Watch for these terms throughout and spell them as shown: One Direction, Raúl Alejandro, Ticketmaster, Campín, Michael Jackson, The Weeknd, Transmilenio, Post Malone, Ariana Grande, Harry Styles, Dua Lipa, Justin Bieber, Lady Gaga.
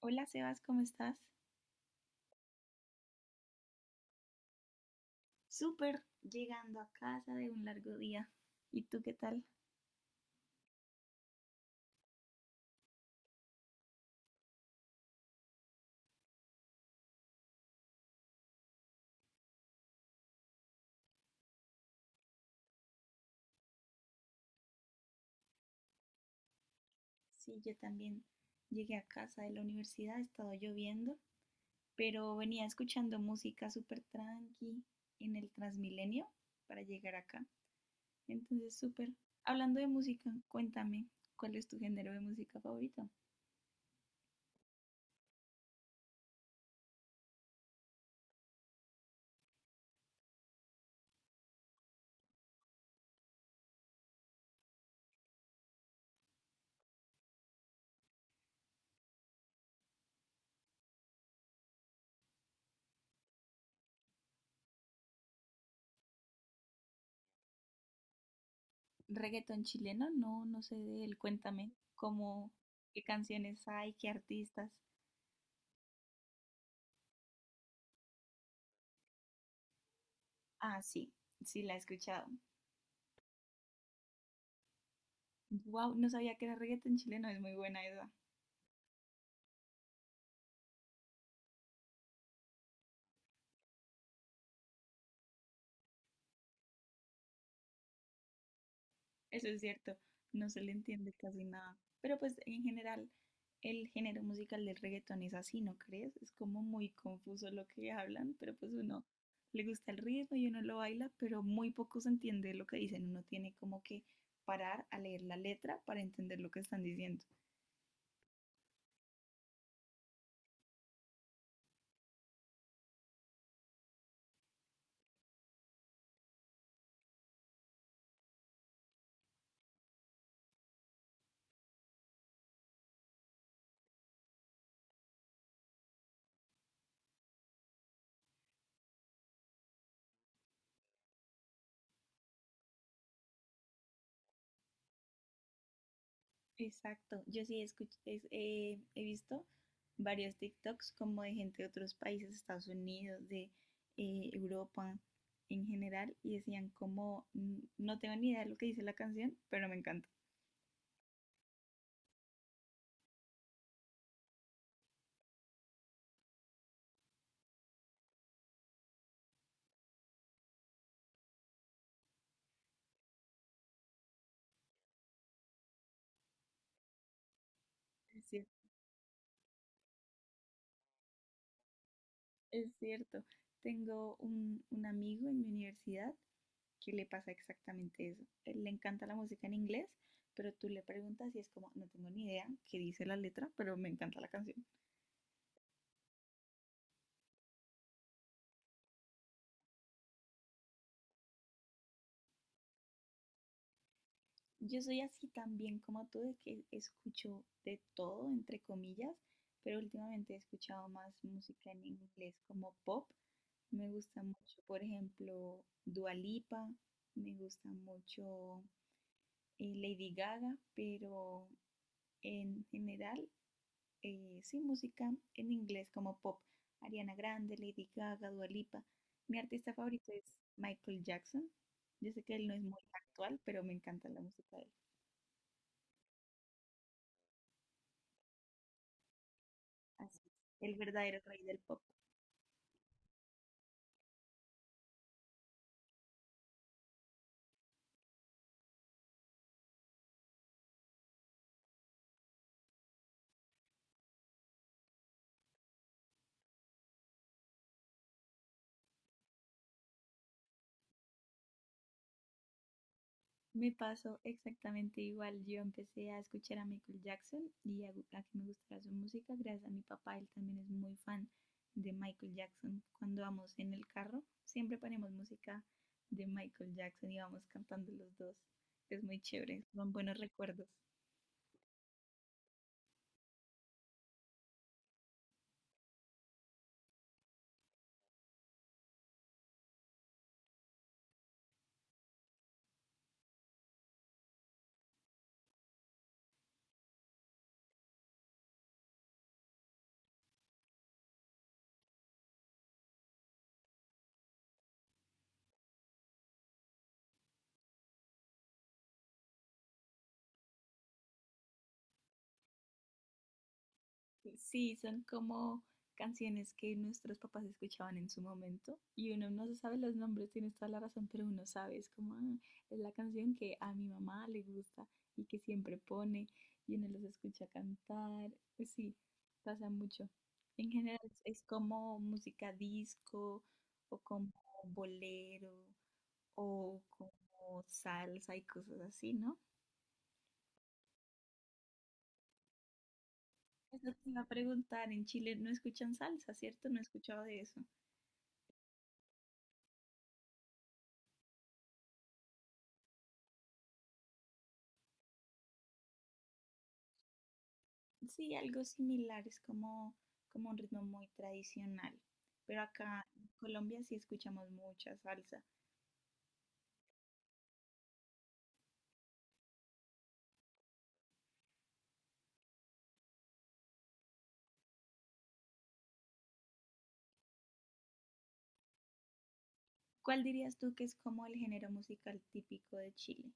Hola Sebas, ¿cómo estás? Súper, llegando a casa de un largo día. ¿Y tú qué tal? Sí, yo también llegué a casa de la universidad, ha estado lloviendo, pero venía escuchando música súper tranqui en el Transmilenio para llegar acá. Entonces, súper. Hablando de música, cuéntame, ¿cuál es tu género de música favorito? ¿Reggaetón chileno? No, no sé de él, cuéntame, ¿cómo, qué canciones hay, qué artistas? Ah, sí, sí la he escuchado. Wow, no sabía que era reggaetón chileno, es muy buena esa. Eso es cierto, no se le entiende casi nada. Pero pues en general, el género musical del reggaetón es así, ¿no crees? Es como muy confuso lo que hablan, pero pues uno le gusta el ritmo y uno lo baila, pero muy poco se entiende lo que dicen. Uno tiene como que parar a leer la letra para entender lo que están diciendo. Exacto, yo sí he visto varios TikToks como de gente de otros países, Estados Unidos, de Europa en general, y decían como, "Mm, no tengo ni idea de lo que dice la canción, pero me encanta". Es cier- es cierto, tengo un amigo en mi universidad que le pasa exactamente eso. Él le encanta la música en inglés, pero tú le preguntas y es como, no tengo ni idea qué dice la letra, pero me encanta la canción. Yo soy así también como tú, de que escucho de todo, entre comillas, pero últimamente he escuchado más música en inglés como pop. Me gusta mucho, por ejemplo, Dua Lipa, me gusta mucho Lady Gaga, pero en general, sí, música en inglés como pop. Ariana Grande, Lady Gaga, Dua Lipa. Mi artista favorito es Michael Jackson. Yo sé que él no es muy actual, pero me encanta la música de él. Así es, el verdadero rey del pop. Me pasó exactamente igual. Yo empecé a escuchar a Michael Jackson y a que me gustara su música gracias a mi papá. Él también es muy fan de Michael Jackson. Cuando vamos en el carro, siempre ponemos música de Michael Jackson y vamos cantando los dos. Es muy chévere, son buenos recuerdos. Sí, son como canciones que nuestros papás escuchaban en su momento y uno no se sabe los nombres, tienes toda la razón, pero uno sabe, es como, "Ah, es la canción que a mi mamá le gusta y que siempre pone y uno los escucha cantar". Pues sí, pasa mucho. En general es como música disco o como bolero o como salsa y cosas así, ¿no? Eso te iba a preguntar, en Chile no escuchan salsa, ¿cierto? No he escuchado de eso. Sí, algo similar, es como, como un ritmo muy tradicional, pero acá en Colombia sí escuchamos mucha salsa. ¿Cuál dirías tú que es como el género musical típico de Chile?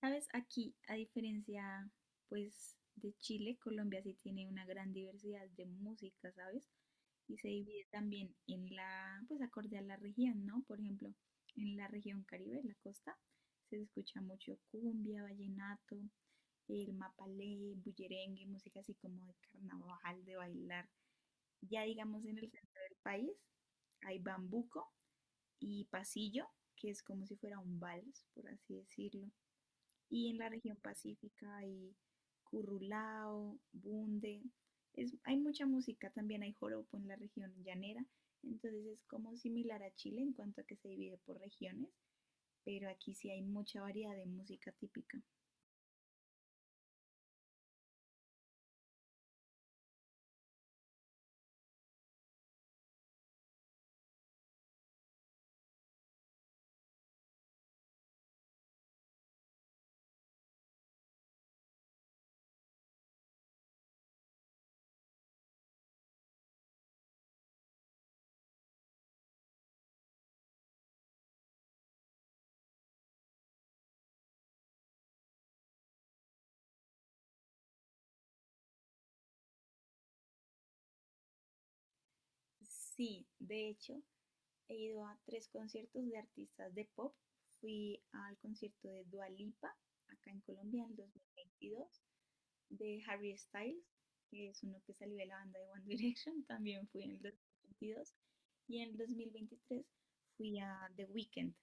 Sabes, aquí, a diferencia, pues, de Chile, Colombia sí tiene una gran diversidad de música, ¿sabes? Y se divide también en la, pues, acorde a la región, ¿no? Por ejemplo, en la región Caribe, en la costa, se escucha mucho cumbia, vallenato, el mapalé, bullerengue, música así como de carnaval, de bailar. Ya digamos en el centro del país hay bambuco y pasillo, que es como si fuera un vals, por así decirlo. Y en la región pacífica hay currulao, bunde. Es, hay mucha música, también hay joropo en la región llanera. Entonces es como similar a Chile en cuanto a que se divide por regiones, pero aquí sí hay mucha variedad de música típica. Sí, de hecho, he ido a 3 conciertos de artistas de pop. Fui al concierto de Dua Lipa acá en Colombia en el 2022, de Harry Styles, que es uno que salió de la banda de One Direction, también fui en el 2022. Y en el 2023 fui a The Weeknd.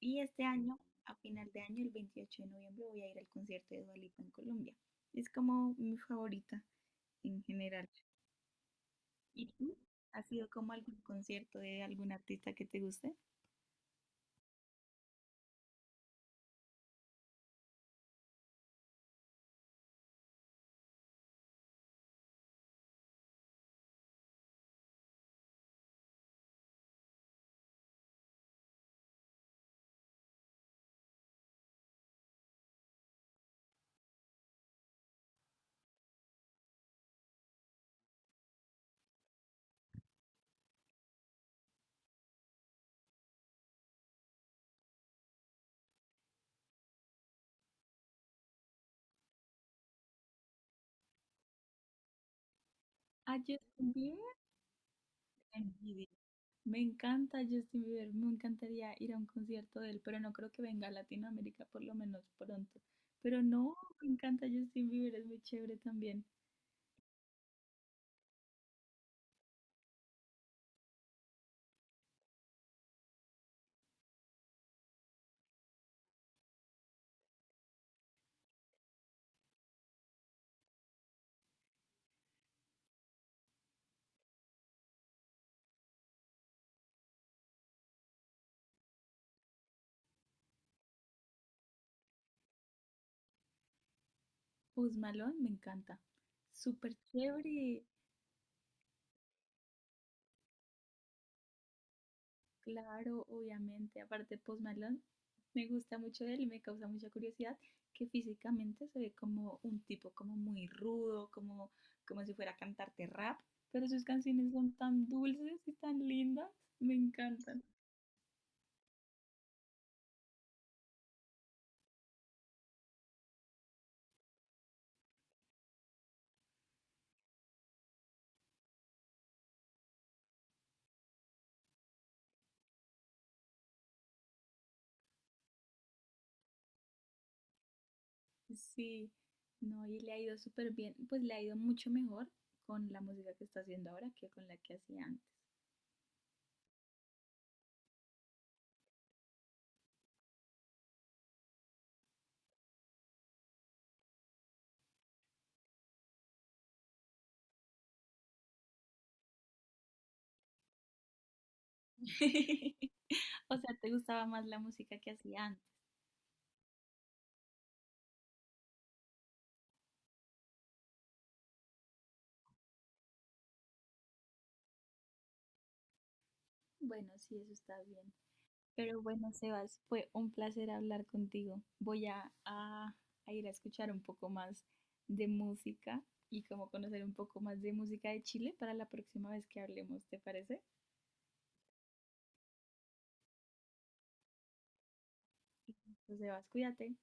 Y este año, a final de año, el 28 de noviembre, voy a ir al concierto de Dua Lipa en Colombia. Es como mi favorita en general. ¿Y tú? ¿Has sido como a algún concierto de algún artista que te guste? A Justin Bieber en video. Me encanta Justin Bieber, me encantaría ir a un concierto de él, pero no creo que venga a Latinoamérica por lo menos pronto. Pero no, me encanta Justin Bieber, es muy chévere también. Post Malone me encanta. Súper chévere, claro, obviamente. Aparte, Post Malone me gusta mucho de él y me causa mucha curiosidad que físicamente se ve como un tipo como muy rudo, como, como si fuera a cantarte rap, pero sus canciones son tan dulces y tan lindas, me encantan. Sí, no, y le ha ido súper bien, pues le ha ido mucho mejor con la música que está haciendo ahora que con la que hacía antes. O sea, te gustaba más la música que hacía antes. Bueno, sí, eso está bien. Pero bueno, Sebas, fue un placer hablar contigo. Voy a, a ir a escuchar un poco más de música y como conocer un poco más de música de Chile para la próxima vez que hablemos, ¿te parece? Entonces, Sebas, cuídate.